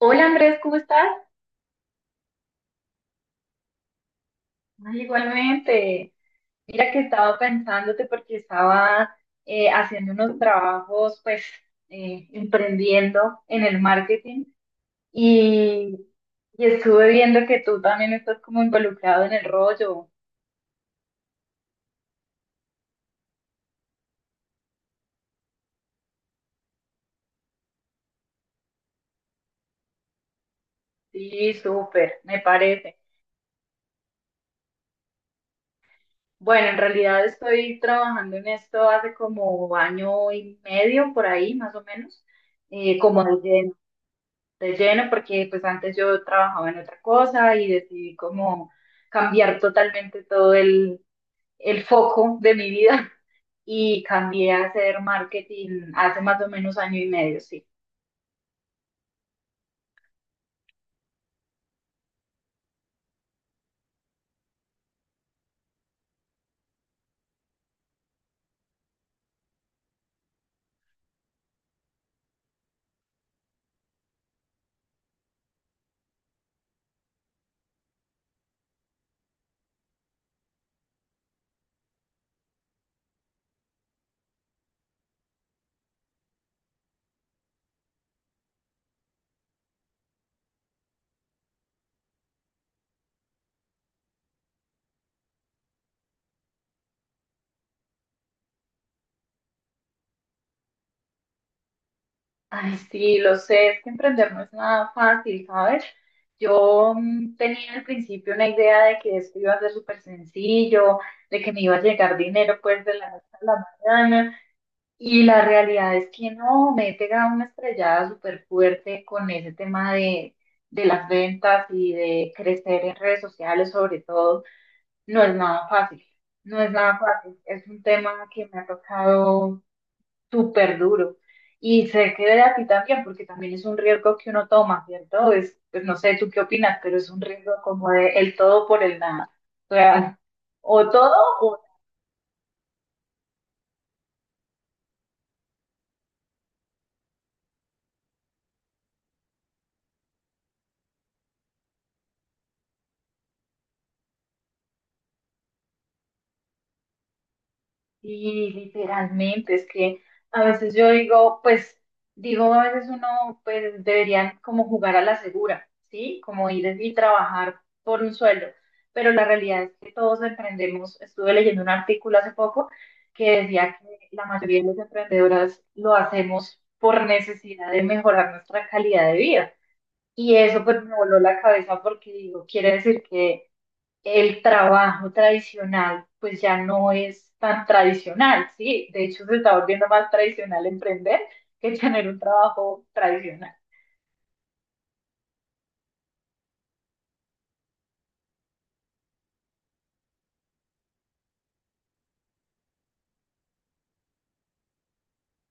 Hola Andrés, ¿cómo estás? Ay, igualmente. Mira que estaba pensándote porque estaba haciendo unos trabajos, pues, emprendiendo en el marketing y, y estuve viendo que tú también estás como involucrado en el rollo. Sí, súper, me parece. Bueno, en realidad estoy trabajando en esto hace como año y medio por ahí, más o menos, como de lleno porque pues antes yo trabajaba en otra cosa y decidí como cambiar totalmente todo el foco de mi vida y cambié a hacer marketing hace más o menos año y medio, sí. Ay, sí, lo sé, es que emprender no es nada fácil, ¿sabes? Yo tenía al principio una idea de que esto iba a ser súper sencillo, de que me iba a llegar dinero pues de la noche a la mañana. Y la realidad es que no, me he pegado una estrellada súper fuerte con ese tema de las ventas y de crecer en redes sociales, sobre todo. No es nada fácil, no es nada fácil. Es un tema que me ha tocado súper duro. Y sé que de a ti también, porque también es un riesgo que uno toma, ¿cierto? Es, pues no sé tú qué opinas, pero es un riesgo como de el todo por el nada. O sea, o todo. Y literalmente, es que a veces yo digo, pues, digo, a veces uno, pues, deberían como jugar a la segura, ¿sí? Como ir y trabajar por un sueldo. Pero la realidad es que todos emprendemos. Estuve leyendo un artículo hace poco que decía que la mayoría de las emprendedoras lo hacemos por necesidad de mejorar nuestra calidad de vida. Y eso pues me voló la cabeza porque digo, quiere decir que el trabajo tradicional pues ya no es tan tradicional, ¿sí? De hecho, se está volviendo más tradicional emprender que tener un trabajo tradicional.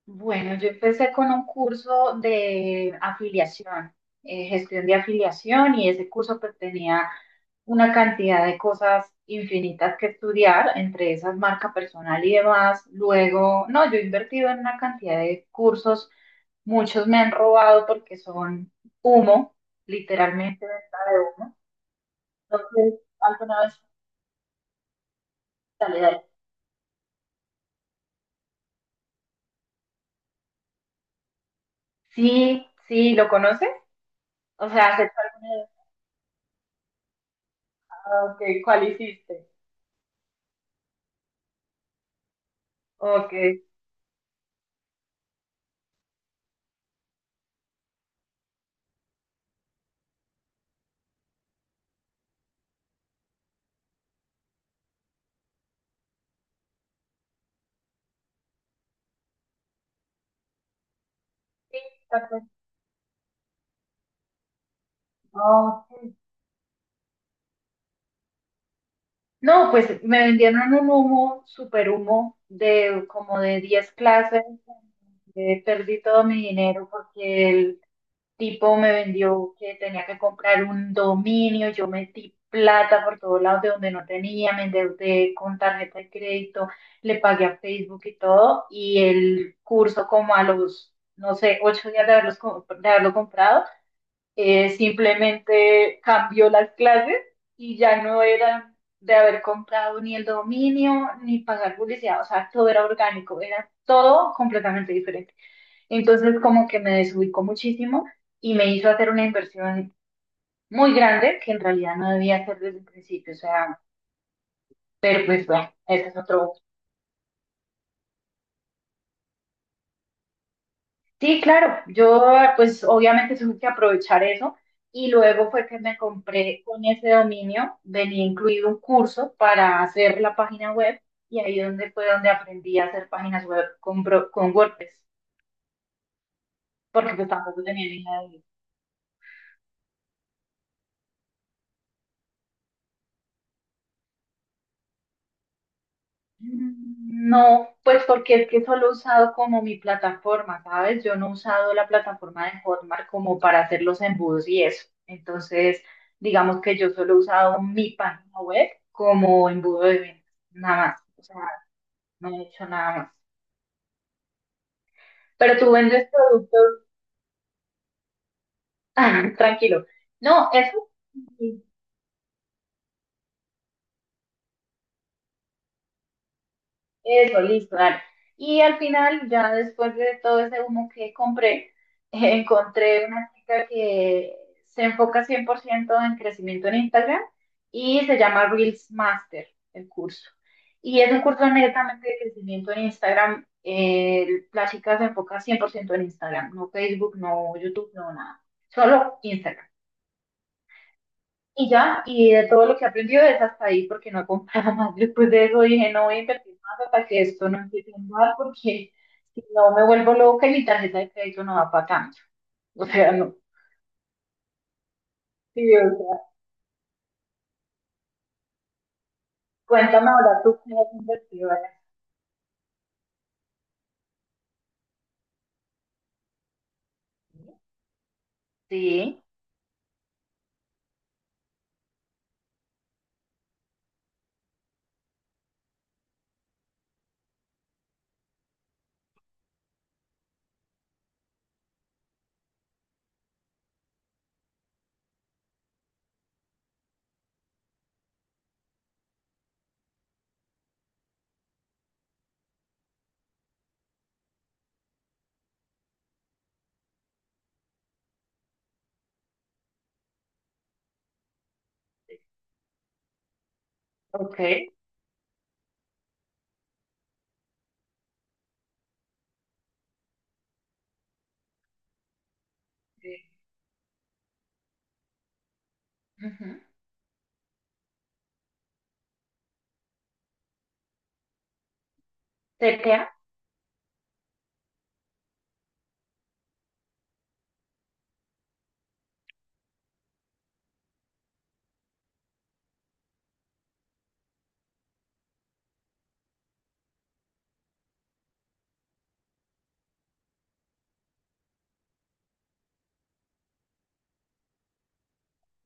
Bueno, yo empecé con un curso de afiliación, gestión de afiliación, y ese curso pues tenía una cantidad de cosas infinitas que estudiar, entre esas marca personal y demás. Luego, no, yo he invertido en una cantidad de cursos. Muchos me han robado porque son humo, literalmente venta de humo. Entonces, alguna vez sale de ahí. Sí, sí, ¿lo conoces? O sea, acepta hecho alguna vez? Ah, ok, ¿cuál hiciste? Ok. Sí, tal vez. Ah, ok. No, pues me vendieron un humo, super humo, de como de 10 clases. Eh, perdí todo mi dinero porque el tipo me vendió que tenía que comprar un dominio, yo metí plata por todos lados de donde no tenía, me endeudé con tarjeta de crédito, le pagué a Facebook y todo, y el curso como a los, no sé, 8 días de haberlo comprado, simplemente cambió las clases y ya no era de haber comprado ni el dominio, ni pagar publicidad, o sea, todo era orgánico, era todo completamente diferente. Entonces como que me desubicó muchísimo y me hizo hacer una inversión muy grande que en realidad no debía hacer desde el principio. O sea, pero pues bueno, ese es otro. Sí, claro, yo pues obviamente tuve que aprovechar eso y luego fue que me compré con ese dominio, venía incluido un curso para hacer la página web y ahí donde fue donde aprendí a hacer páginas web con WordPress, porque pues tampoco tenía ni idea. No, pues porque es que solo he usado como mi plataforma, ¿sabes? Yo no he usado la plataforma de Hotmart como para hacer los embudos y eso. Entonces, digamos que yo solo he usado mi página web como embudo de venta, nada más. O sea, no he hecho nada más. Pero tú vendes productos, tranquilo. No, eso. Sí, eso, listo, dale. Y al final, ya después de todo ese humo que compré, encontré una chica que se enfoca 100% en crecimiento en Instagram y se llama Reels Master, el curso. Y es un curso netamente de crecimiento en Instagram. Eh, la chica se enfoca 100% en Instagram, no Facebook, no YouTube, no nada. Solo Instagram. Y ya, y de todo lo que he aprendido es hasta ahí, porque no compraba más. Después de eso dije, no voy a invertir más hasta que esto no empiece a andar, porque si no me vuelvo loca y mi tarjeta de crédito no va para tanto. O sea, no. Sí, o sea, cuéntame ahora tú qué has invertido ahora. Sí, ok. Sí. Ujú. ¿Te queda?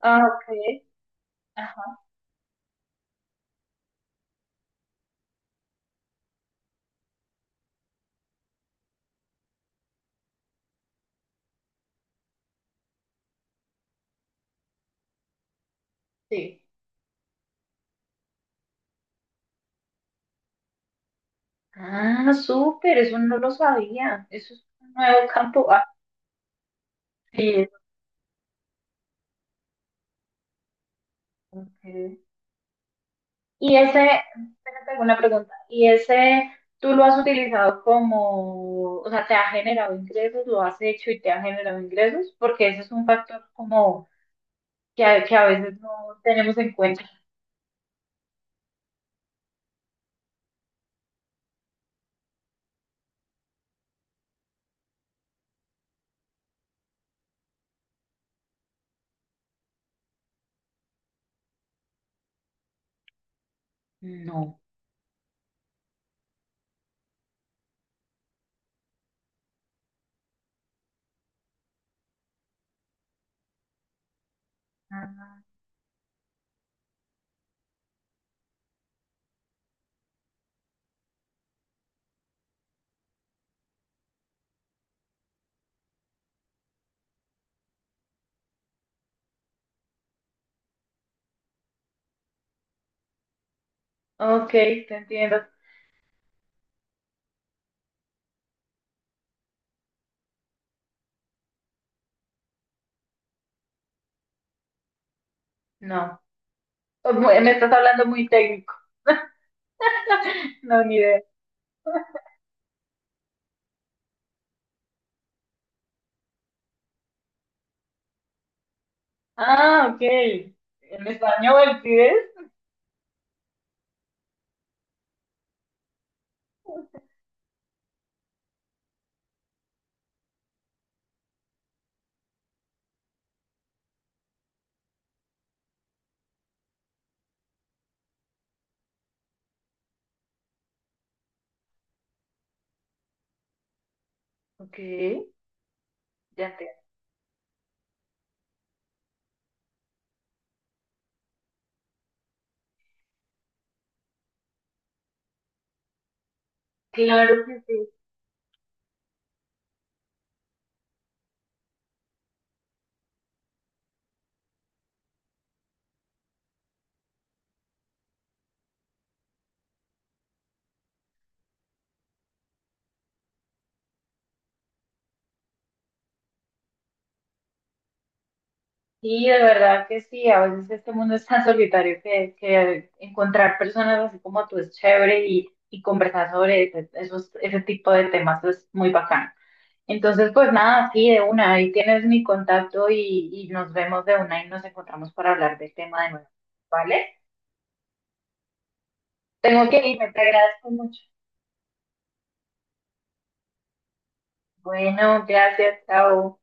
Ah, ok. Ajá, sí. Ah, súper, eso no lo sabía. Eso es un nuevo campo. Ah, sí, ok. Y ese, tengo una pregunta, y ese tú lo has utilizado como, o sea, te ha generado ingresos, lo has hecho y te ha generado ingresos, porque ese es un factor como que a veces no tenemos en cuenta. No. Ah, ok, te entiendo. No. Oh, Me estás hablando muy técnico. No, ni idea. Ah, ok. ¿En español el pides? Ok, ya te. Claro que sí. Sí, de verdad que sí, a veces este mundo es tan solitario que encontrar personas así como tú es chévere y conversar sobre ese tipo de temas es muy bacán. Entonces, pues nada, sí, de una, ahí tienes mi contacto y nos vemos de una y nos encontramos para hablar del tema de nuevo, ¿vale? Tengo que irme, te agradezco mucho. Bueno, gracias, chao.